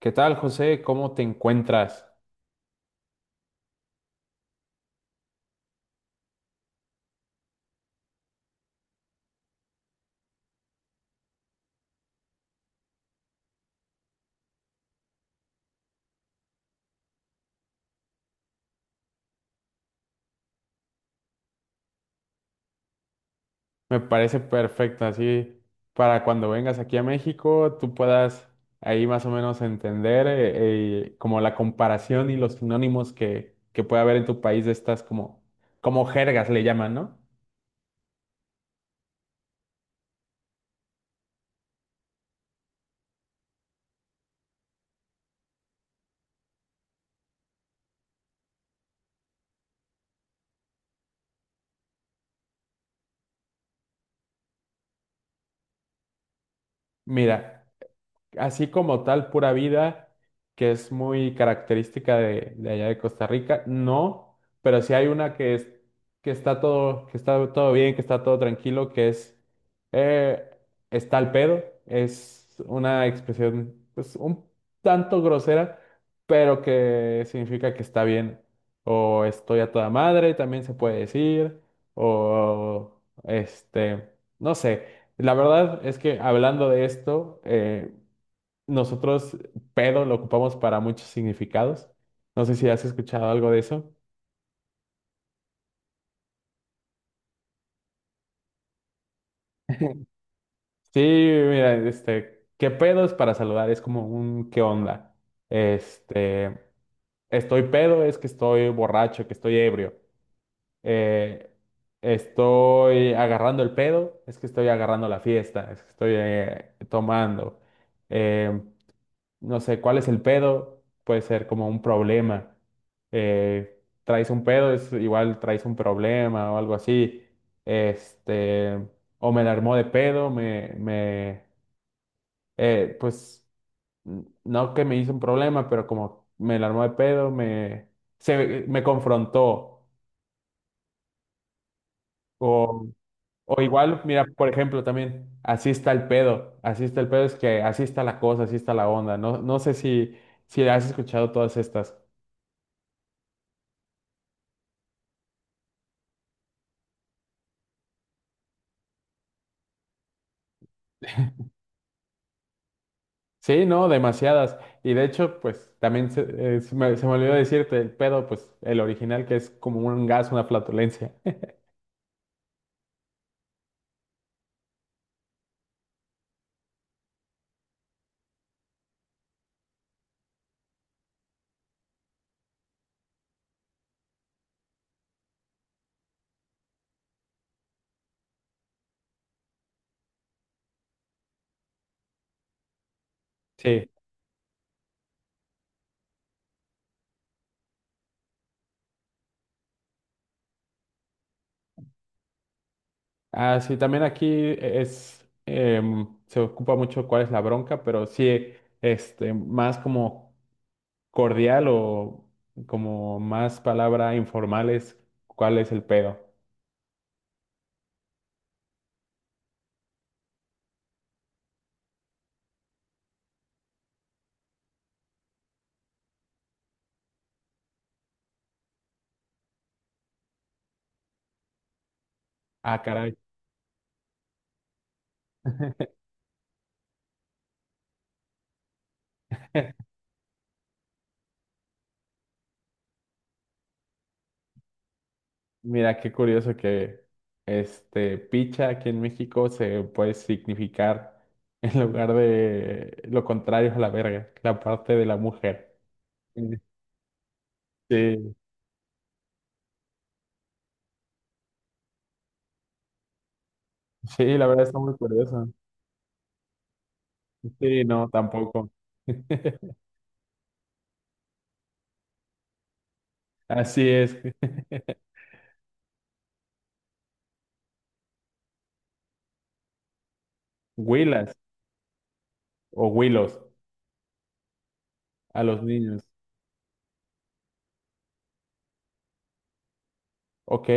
¿Qué tal, José? ¿Cómo te encuentras? Me parece perfecto, así para cuando vengas aquí a México, tú puedas ahí más o menos entender como la comparación y los sinónimos que puede haber en tu país de estas como, como jergas le llaman, ¿no? Mira, así como tal, pura vida, que es muy característica de allá de Costa Rica, no, pero sí hay una que es, que está todo bien, que está todo tranquilo, que es eh, está al pedo, es una expresión pues un tanto grosera, pero que significa que está bien, o estoy a toda madre, también se puede decir, o este, no sé. La verdad es que hablando de esto, nosotros pedo lo ocupamos para muchos significados. No sé si has escuchado algo de eso. Sí, mira, este, qué pedo es para saludar, es como un qué onda. Este, estoy pedo es que estoy borracho, que estoy ebrio. Eh, Estoy agarrando el pedo, es que estoy agarrando la fiesta, es que estoy tomando. Eh, no sé, ¿cuál es el pedo? Puede ser como un problema. Traes un pedo, es igual traes un problema o algo así. Este, o me la armó de pedo, pues, no que me hizo un problema, pero como me la armó de pedo, me, se, me confrontó. O, o igual, mira, por ejemplo, también, así está el pedo, así está el pedo, es que así está la cosa, así está la onda. No, no sé si, si has escuchado todas estas. Sí, no, demasiadas. Y de hecho, pues también se, se me olvidó decirte, el pedo, pues el original que es como un gas, una flatulencia. Sí. Ah, sí, también aquí es, se ocupa mucho cuál es la bronca, pero sí, este, más como cordial o como más palabra informal es cuál es el pedo. Ah, caray. Mira, qué curioso que este picha aquí en México se puede significar en lugar de lo contrario a la verga, la parte de la mujer. Eh, Sí, sí, la verdad está muy curioso. Sí, no, tampoco. Así es. Huilas o huilos a los niños. Ok,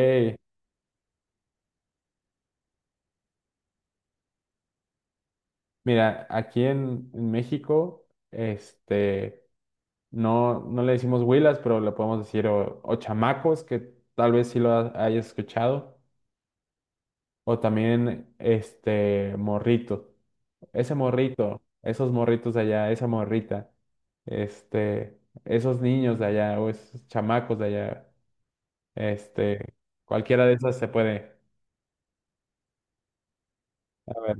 mira, aquí en México, este, no, no le decimos huilas, pero le podemos decir o chamacos, que tal vez sí lo hayas escuchado, o también este morrito. Ese morrito, esos morritos de allá, esa morrita, este, esos niños de allá, o esos chamacos de allá, este, cualquiera de esas se puede. Saber.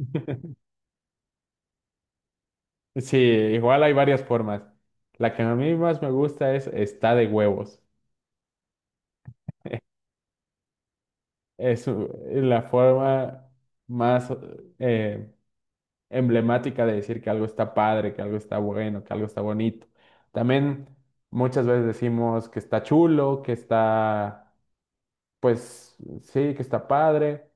Sí, igual hay varias formas. La que a mí más me gusta es está de huevos. Es la forma más eh, emblemática de decir que algo está padre, que algo está bueno, que algo está bonito. También muchas veces decimos que está chulo, que está, pues sí, que está padre.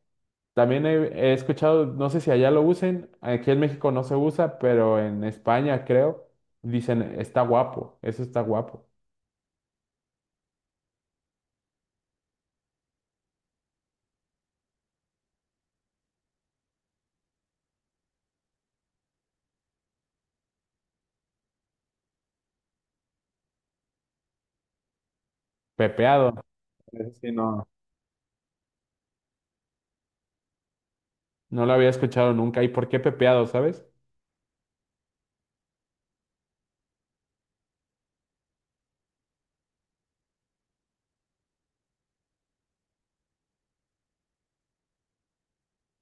También he escuchado, no sé si allá lo usen, aquí en México no se usa, pero en España creo, dicen está guapo, eso está guapo. Pepeado. Eso sí, no. No lo había escuchado nunca. ¿Y por qué pepeado, sabes?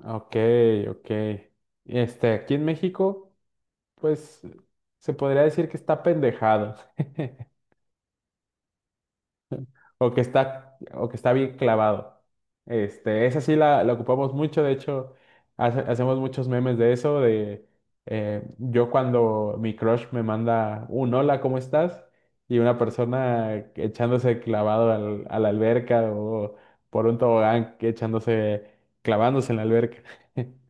Ok, ok. Este, aquí en México, pues se podría decir que está pendejado o que está bien clavado. Este, esa sí la ocupamos mucho, de hecho, hacemos muchos memes de eso, de yo cuando mi crush me manda un hola, ¿cómo estás? Y una persona echándose clavado a la alberca o por un tobogán que echándose, clavándose en la alberca.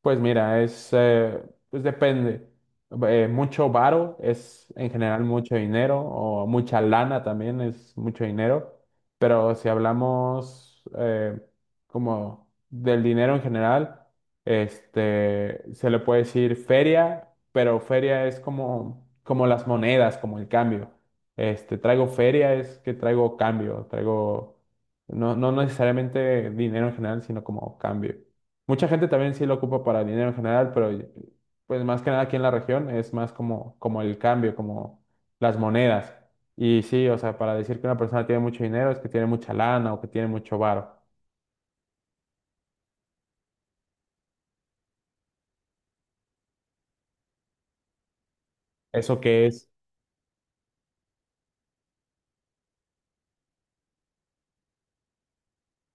Pues mira, es, pues depende. Mucho varo es en general mucho dinero, o mucha lana también es mucho dinero, pero si hablamos como del dinero en general, este, se le puede decir feria, pero feria es como, como las monedas, como el cambio. Este, traigo feria es que traigo cambio, traigo no, no necesariamente dinero en general, sino como cambio. Mucha gente también sí lo ocupa para el dinero en general, pero pues más que nada aquí en la región es más como, como el cambio, como las monedas. Y sí, o sea, para decir que una persona tiene mucho dinero es que tiene mucha lana o que tiene mucho varo. ¿Eso qué es?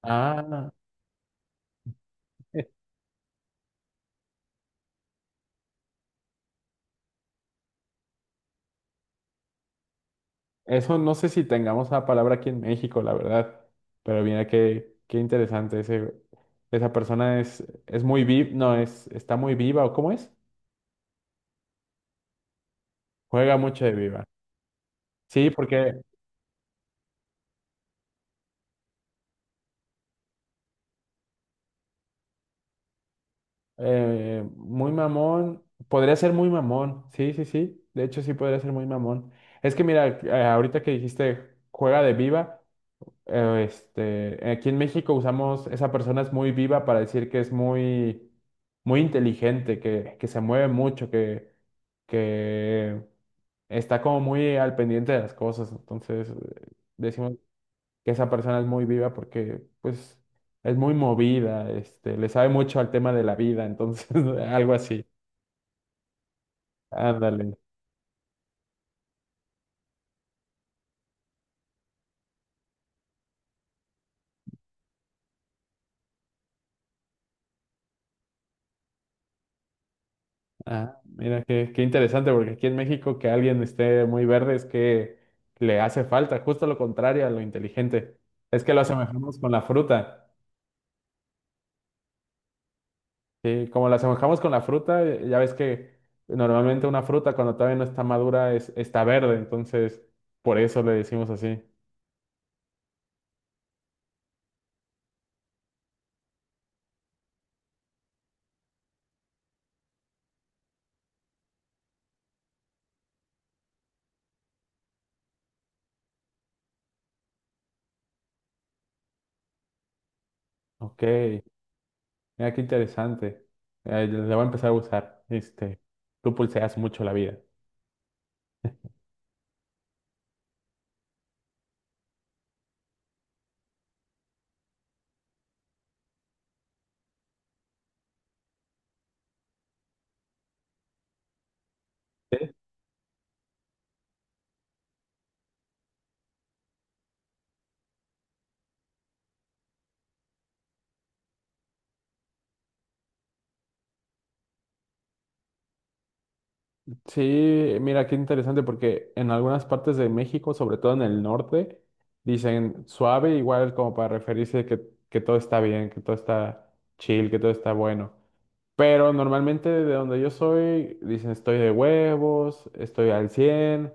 Ah, eso no sé si tengamos la palabra aquí en México, la verdad. Pero mira qué, qué interesante ese, esa persona es muy viva, no, es, está muy viva, ¿o cómo es? Juega mucho de viva. Sí, porque eh, muy mamón. Podría ser muy mamón. Sí, sí, sí. De hecho, sí podría ser muy mamón. Es que mira, ahorita que dijiste juega de viva, este, aquí en México usamos esa persona es muy viva para decir que es muy, muy inteligente, que se mueve mucho, que está como muy al pendiente de las cosas. Entonces, decimos que esa persona es muy viva porque pues es muy movida, este, le sabe mucho al tema de la vida, entonces algo así. Ándale. Ah, mira, qué, qué interesante, porque aquí en México que alguien esté muy verde es que le hace falta, justo lo contrario a lo inteligente. Es que lo asemejamos con la fruta. Sí, como la asemejamos con la fruta, ya ves que normalmente una fruta cuando todavía no está madura es, está verde, entonces por eso le decimos así. Ok. Mira, qué interesante. La voy a empezar a usar. Este, tú pulseas mucho la vida. Sí, mira, qué interesante porque en algunas partes de México, sobre todo en el norte, dicen suave igual como para referirse que todo está bien, que todo está chill, que todo está bueno. Pero normalmente de donde yo soy, dicen estoy de huevos, estoy al 100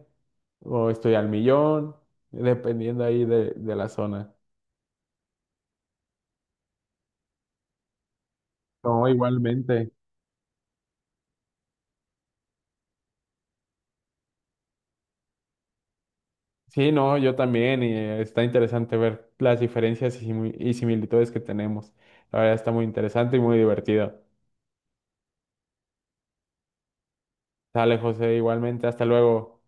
o estoy al millón, dependiendo ahí de la zona. No, igualmente. Sí, no, yo también, y está interesante ver las diferencias y y similitudes que tenemos. La verdad está muy interesante y muy divertido. Sale, José, igualmente, hasta luego.